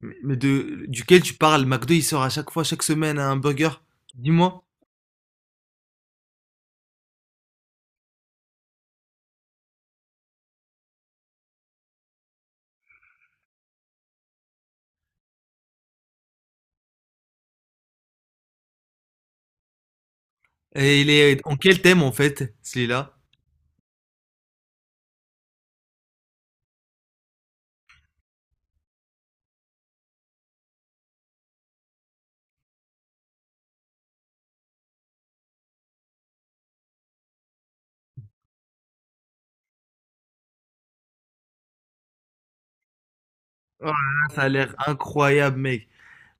Duquel tu parles? McDo, il sort à chaque fois, chaque semaine, un burger. Dis-moi. Et il est en quel thème, en fait, celui-là? Oh là là, ça a l'air incroyable, mec.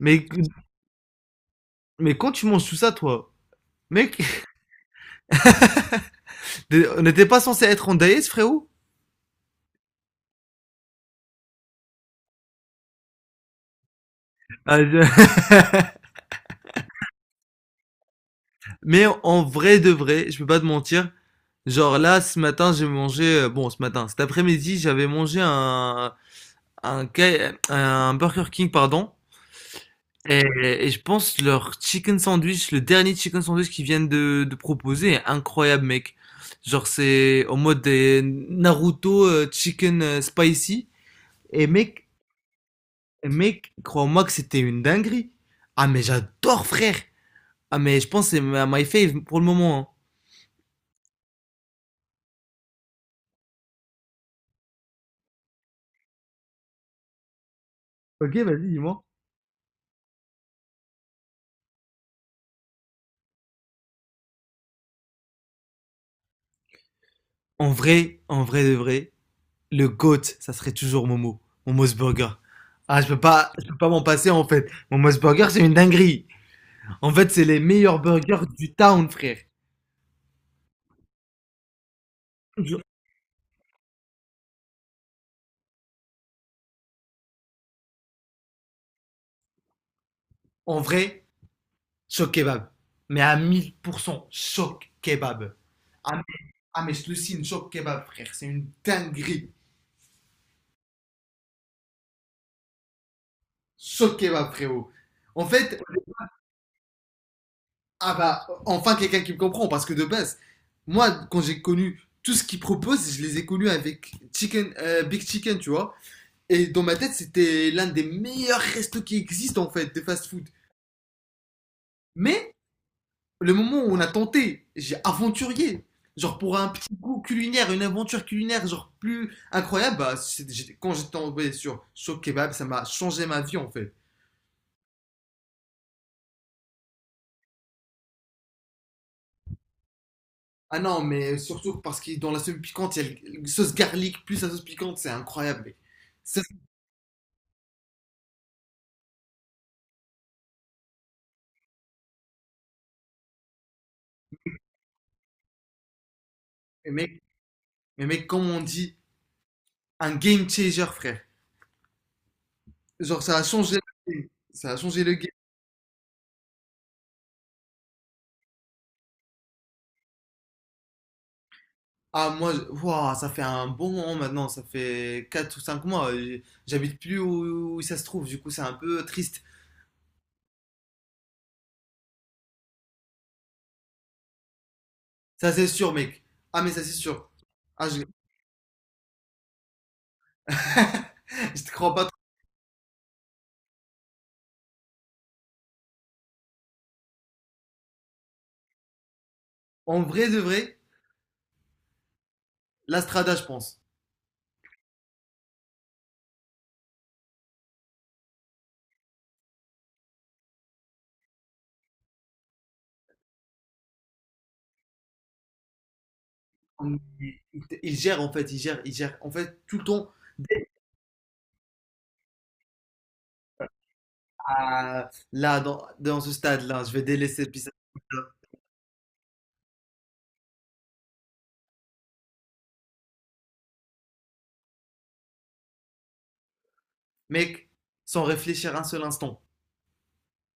Mais, mais quand tu manges tout ça, toi, mec, on n'était pas censé être en diète, frérot? Ah, je- Mais en vrai de vrai, je peux pas te mentir. Genre là, ce matin, j'ai mangé. Bon, ce matin, cet après-midi, j'avais mangé un Burger King, pardon. Et je pense leur chicken sandwich, le dernier chicken sandwich qu'ils viennent de proposer est incroyable, mec. Genre, c'est en mode des Naruto chicken spicy. Et mec, mec, crois-moi que c'était une dinguerie. Ah, mais j'adore, frère. Ah, mais je pense que c'est ma my fave pour le moment. Hein. Ok, vas-y, dis-moi. En vrai de vrai, le GOAT, ça serait toujours Momo. Momo's Burger. Ah, je peux pas m'en passer en fait. Momo's Burger, c'est une dinguerie. En fait, c'est les meilleurs burgers du town, frère. Je- En vrai, choc kebab. Mais à 1000%, choc kebab. Ah, mais je te le signe, choc kebab, frère. C'est une dinguerie. Choc kebab, frérot. En fait, ah bah, enfin quelqu'un qui me comprend, parce que de base, moi, quand j'ai connu tout ce qu'ils proposent, je les ai connus avec chicken, Big Chicken, tu vois. Et dans ma tête, c'était l'un des meilleurs restos qui existent, en fait, de fast-food. Mais le moment où on a tenté, j'ai aventurier. Genre pour un petit goût culinaire, une aventure culinaire, genre plus incroyable, bah, quand j'étais tombé sur Show Kebab, ça m'a changé ma vie en fait. Ah non, mais surtout parce que dans la sauce piquante, il y a la sauce garlic plus la sauce piquante, c'est incroyable. Mec. Ça, c'est- mais, mec, mais mec, comme on dit, un game changer, frère. Genre ça a changé le game. Ça a changé le game. Ah moi, wouah, ça fait un bon moment maintenant, ça fait 4 ou 5 mois. J'habite plus où, où ça se trouve, du coup c'est un peu triste. Ça, c'est sûr, mec. Ah, mais ça, c'est sûr. Ah, je... je te crois pas trop. En vrai de vrai, l'Astrada, je pense. Il, il gère, en fait, il gère, il gère. En fait, tout le temps, ah, là, dans, dans ce stade-là, je vais délaisser puis ça- Mec, sans réfléchir un seul instant.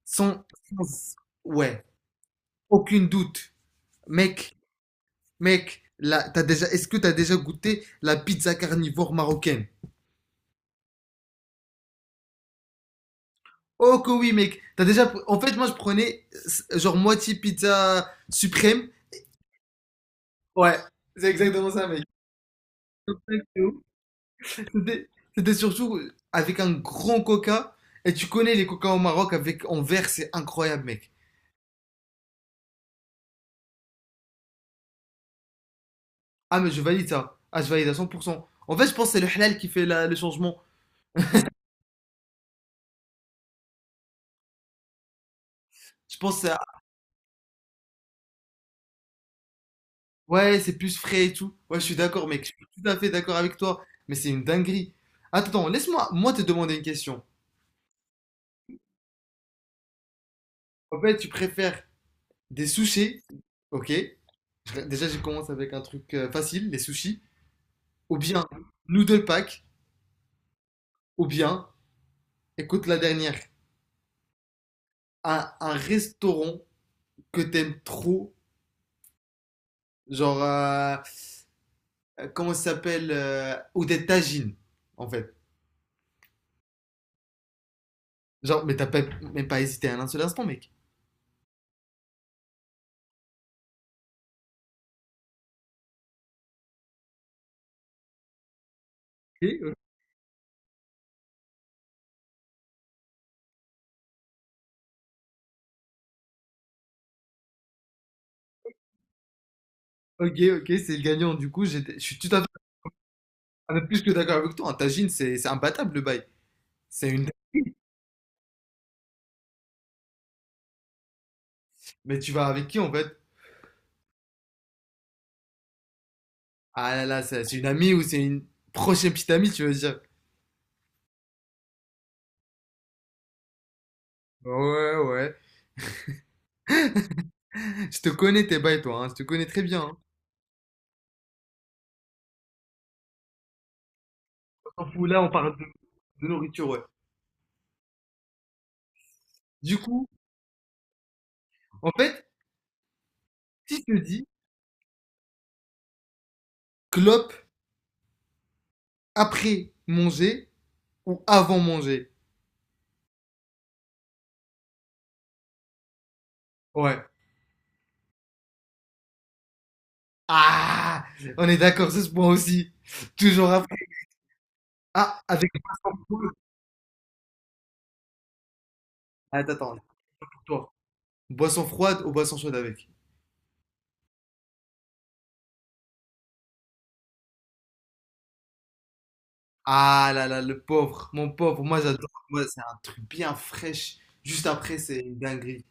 Sans, sans- ouais, aucune doute. Mec, mec, là, t'as déjà, est-ce que t'as déjà goûté la pizza carnivore marocaine? Oh que oui mec, en fait moi je prenais genre moitié pizza suprême. Ouais, c'est exactement ça mec. C'était c'était surtout avec un grand coca et tu connais les coca au Maroc avec en verre, c'est incroyable mec. Ah mais je valide ça. Ah je valide à 100%. En fait, je pense que c'est le halal qui fait le changement. Je pense que c'est- ouais, c'est plus frais et tout. Ouais, je suis d'accord mec, je suis tout à fait d'accord avec toi, mais c'est une dinguerie. Attends, laisse-moi moi te demander une question. En fait, tu préfères des sushis, OK? Déjà, je commence avec un truc facile, les sushis. Ou bien noodle pack, ou bien, écoute la dernière, un restaurant que t'aimes trop, genre, comment ça s'appelle ou des tagines, en fait. Genre, mais t'as pas- même pas hésité un seul instant, mec. Ok, ok, ok, c'est le gagnant. Du coup, je suis tout à fait un peu plus que d'accord avec toi. Un tagine, c'est imbattable le bail. C'est une. Mais tu vas avec qui en fait? Ah là là, c'est une amie ou c'est une prochaine petite amie, tu veux dire? Ouais, ouais. Je te connais tes bails, toi, hein. Je te connais très bien. Hein. On s'en fout, là, on parle de nourriture, ouais. Du coup, en fait, si je te dis clope après manger ou avant manger. Ouais. Ah, on est d'accord sur ce point aussi. Toujours après. Ah, avec boisson froide. Attends, attends, pour toi. Boisson froide ou boisson chaude avec. Ah là là, le pauvre, mon pauvre. Moi, j'adore. Moi, c'est un truc bien fraîche. Juste après, c'est une dinguerie.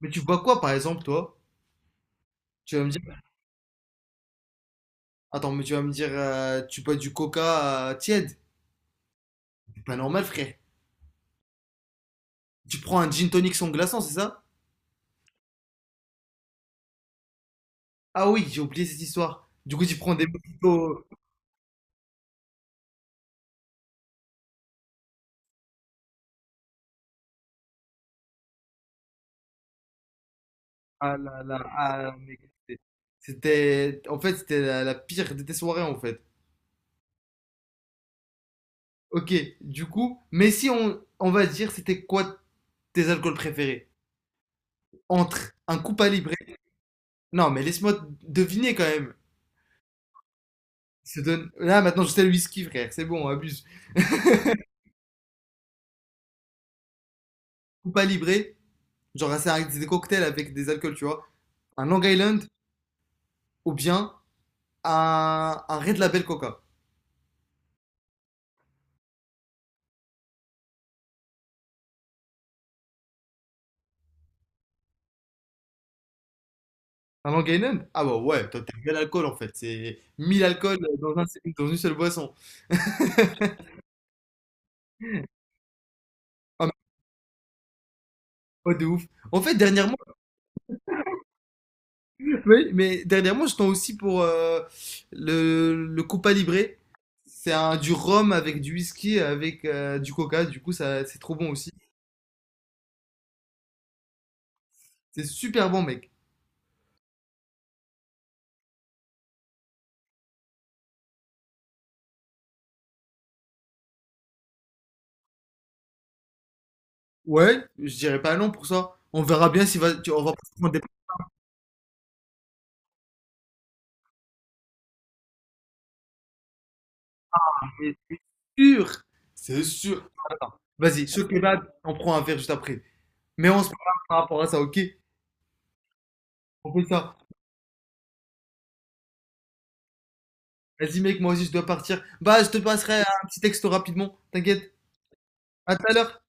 Mais tu bois quoi, par exemple, toi? Tu vas me dire attends, mais tu vas me dire, tu bois du coca tiède? C'est pas normal, frère. Tu prends un gin tonic sans glaçon, c'est ça? Ah oui, j'ai oublié cette histoire. Du coup, tu prends des mojitos. Ah là là, ah, mec, c'était, en fait, c'était la pire de tes soirées, en fait. Ok, du coup, mais si on va dire, c'était quoi tes alcools préférés? Entre un Cuba Libre. Non, mais laisse-moi deviner quand même. Se donne... Là, maintenant, je sais le whisky, frère. C'est bon, on abuse. Cuba Libre, genre, des cocktails avec des alcools, tu vois. Un Long Island ou bien un Red Label Coca. Un Long Island? Ah bah ouais, toi t'es bel alcool en fait. C'est 1000 alcools dans, un, dans une seule boisson. Ah mais ouais, de ouf. En fait, dernièrement, oui, mais dernièrement, je tends aussi pour le, Copa Libre. C'est un du rhum avec du whisky, avec du coca. Du coup, ça, c'est trop bon aussi. C'est super bon, mec. Ouais, je dirais pas non pour ça. On verra bien si va, tu- on va prendre mais c'est sûr. C'est sûr. Attends, vas-y, choc kebab, on prend un verre juste après. Mais on se parle par rapport à ça, ok? On fait ça. Vas-y, mec, moi aussi, je dois partir. Bah, je te passerai un petit texto rapidement. T'inquiète. À tout à l'heure.